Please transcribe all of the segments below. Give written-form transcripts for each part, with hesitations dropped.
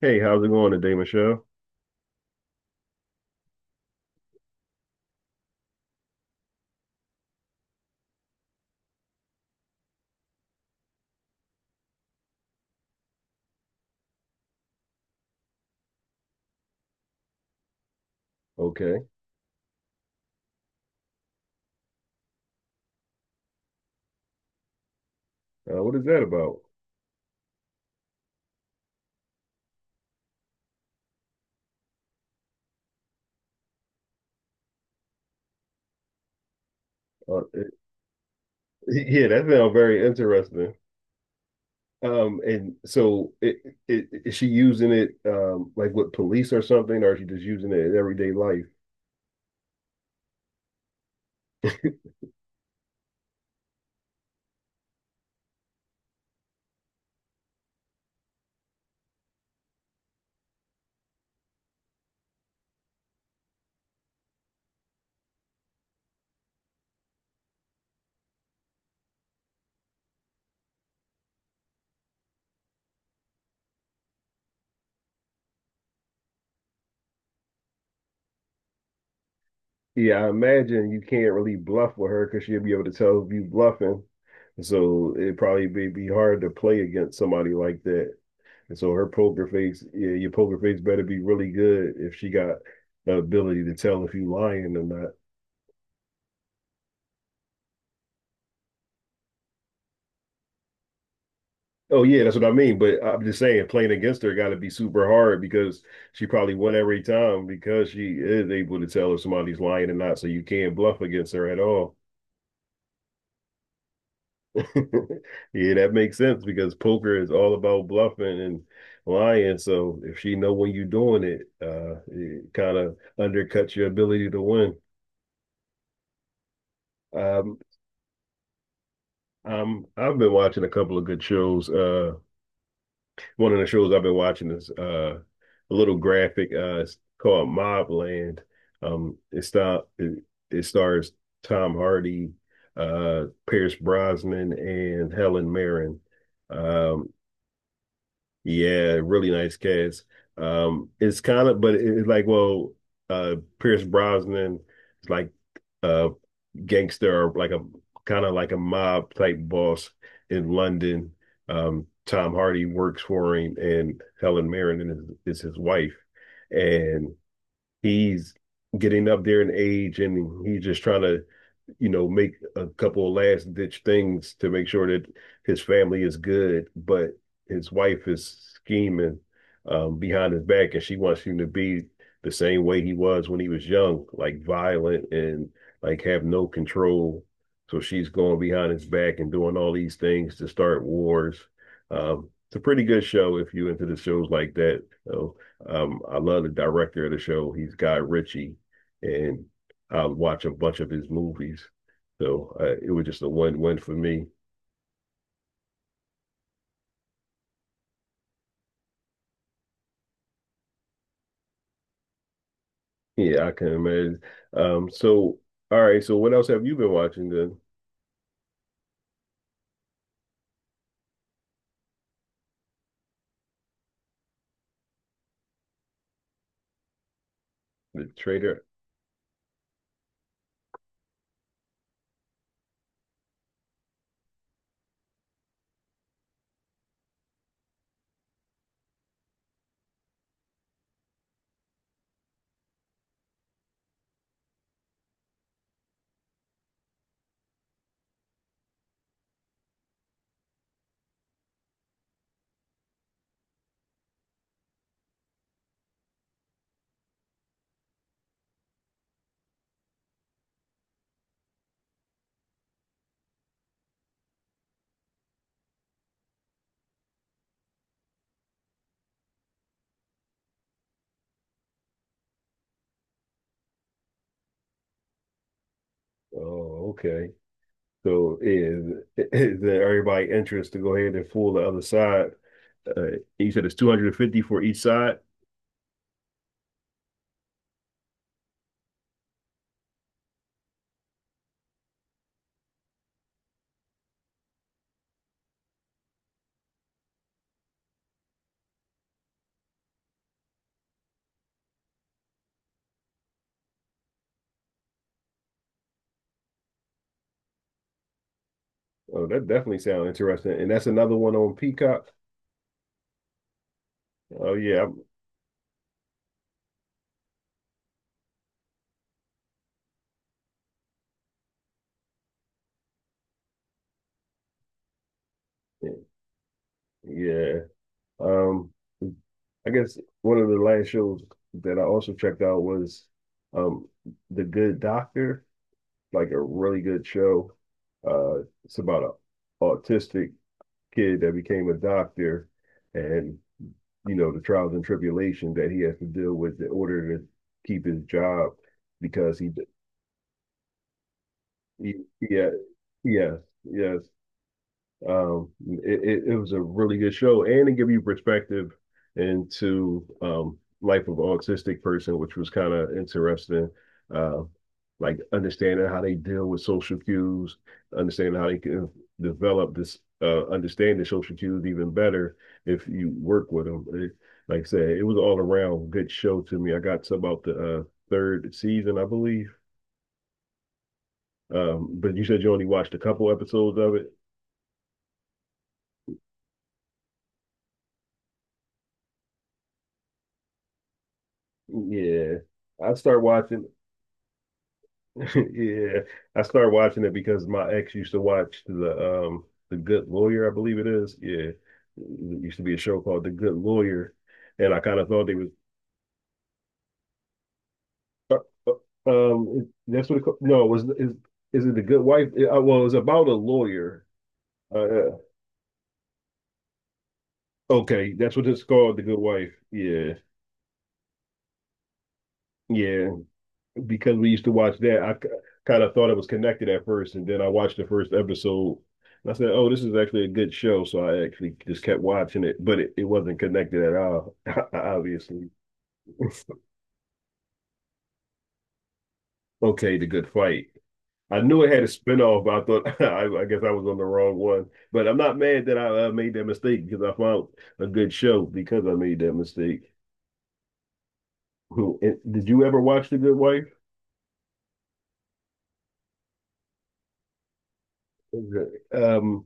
Hey, how's it going today, Michelle? Okay. What is that about? Uh, it- yeah, that sounds very interesting. And so it, is she using it like with police or something, or is she just using it in everyday life? Yeah, I imagine you can't really bluff with her because she'll be able to tell if you bluffing. So it probably be hard to play against somebody like that. And so her poker face, yeah, your poker face better be really good if she got the ability to tell if you lying or not. Oh yeah, that's what I mean. But I'm just saying, playing against her got to be super hard because she probably won every time because she is able to tell if somebody's lying or not. So you can't bluff against her at all. Yeah, that makes sense because poker is all about bluffing and lying. So if she know when you're doing it, it kind of undercuts your ability to win. Um, I've been watching a couple of good shows. One of the shows I've been watching is a little graphic. It's called Mobland. Um, it start it, it stars Tom Hardy, Pierce Brosnan, and Helen Mirren. Um, yeah, really nice cast. It's kind of, but it's like, well, Pierce Brosnan is like uh, gangster or like a kind of like a mob type boss in London. Tom Hardy works for him, and Helen Mirren is his wife, and he's getting up there in age, and he's just trying to make a couple of last ditch things to make sure that his family is good, but his wife is scheming behind his back, and she wants him to be the same way he was when he was young, like violent and like have no control. So she's going behind his back and doing all these things to start wars. It's a pretty good show if you into the shows like that. So I love the director of the show. He's Guy Ritchie, and I watch a bunch of his movies. So it was just a one-one for me. Yeah, I can imagine. So, all right, so what else have you been watching? the trader. Oh, okay. So is there everybody interest to go ahead and fool the other side? You said it's 250 for each side. Oh, that definitely sounds interesting. And that's another one on Peacock. Oh yeah, yeah. Um, I guess one of the last shows that I also checked out was um The Good Doctor. Like a really good show. Uh, it's about an autistic kid that became a doctor, and you know the trials and tribulations that he has to deal with in order to keep his job. Because he Yeah, yes, yes, it was a really good show, and it gave you perspective into life of an autistic person, which was kind of interesting. uh like understanding how they deal with social cues, understanding how they can develop this understanding social cues even better if you work with them. Like I said, it was all around good show to me. I got to about the third season, I believe. But you said you only watched a couple episodes of it. Yeah, I started watching. Yeah, I started watching it because my ex used to watch the um the Good Lawyer, I believe it is. Yeah, it used to be a show called The Good Lawyer, and I kind of thought they was. uh, uh, that's what no, it was. Is it the Good Wife? Well, it's about a lawyer. Uh, uh, okay, that's what it's called, The Good Wife. Yeah, yeah, because we used to watch that. I kind of thought it was connected at first, and then I watched the first episode. And I said, "Oh, this is actually a good show," so I actually just kept watching it, but it wasn't connected at all, obviously. Okay, the Good Fight. I knew it had a spinoff, but I thought I guess I was on the wrong one. But I'm not mad that I made that mistake because I found a good show because I made that mistake. Did you ever watch The Good Wife? Okay. Um,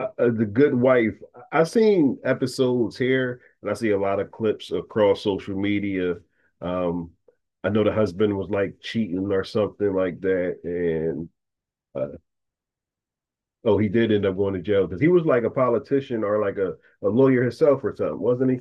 uh, The good wife, I've seen episodes here, and I see a lot of clips across social media. um I know the husband was like cheating or something like that, and uh, oh, he did end up going to jail because he was like a politician or like a lawyer himself or something, wasn't he?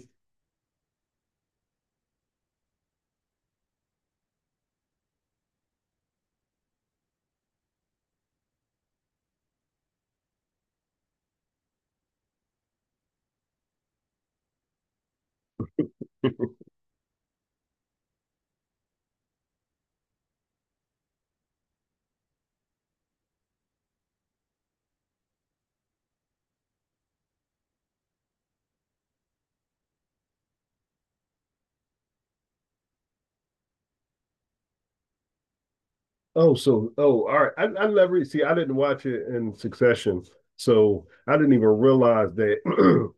Oh, so, oh, all right. I never see, I didn't watch it in succession, so I didn't even realize that,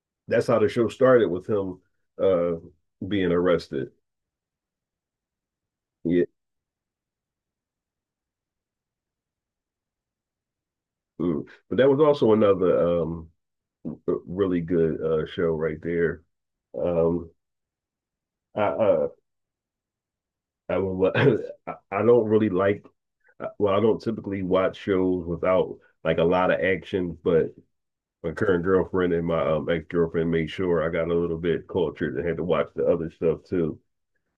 that's how the show started with him uh being arrested. Yeah. Mm. But that was also another really good show right there. Um I uh I will I don't really like well, I don't typically watch shows without like a lot of action, but my current girlfriend and my ex-girlfriend made sure I got a little bit cultured and had to watch the other stuff too.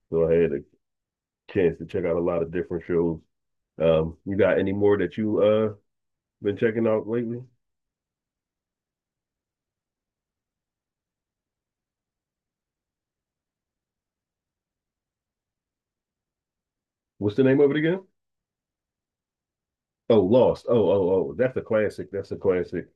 So I had a chance to check out a lot of different shows. You got any more that you been checking out lately? What's the name of it again? Oh, Lost. Oh, oh, oh, that's a classic. That's a classic.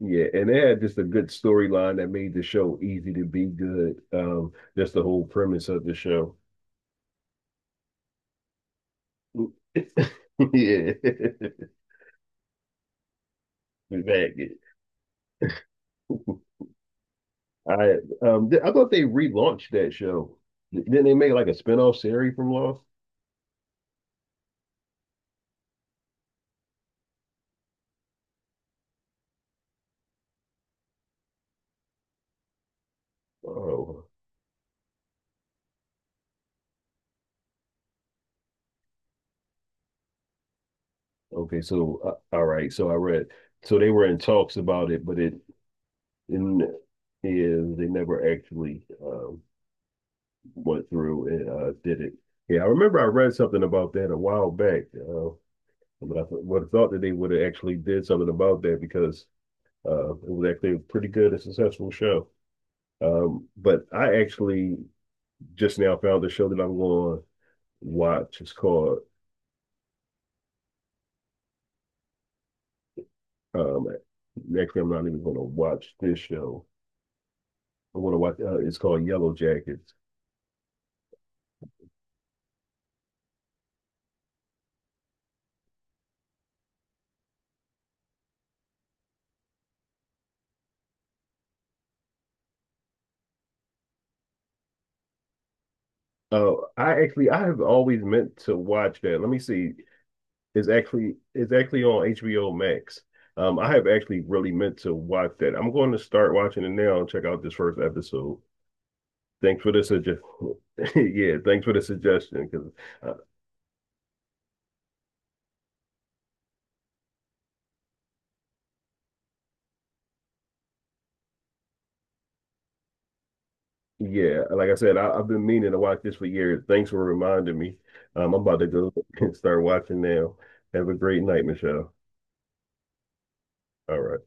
Yeah, and they had just a good storyline that made the show easy to be good. That's the whole premise of the show. Yeah, Maggot. I I thought they relaunched that show. Didn't they make like a spin-off series from Lost? Oh, okay. So all right. So I read. So they were in talks about it, but it in is they never actually went through and did it. Yeah, I remember I read something about that a while back. But I would have thought that they would have actually did something about that because it was actually a pretty good and successful show. But I actually just now found the show that I'm going to watch. It's called. Um, Actually, I'm not even going to watch this show. I'm going to watch. It's called Yellow Jackets. I actually I have always meant to watch that. Let me see. It's actually on HBO Max. I have actually really meant to watch that. I'm going to start watching it now and check out this first episode. Thanks for the suggestion. Yeah, thanks for the suggestion. Because uh, yeah, like I said, I've been meaning to watch this for years. Thanks for reminding me. I'm about to go and start watching now. Have a great night, Michelle. All right.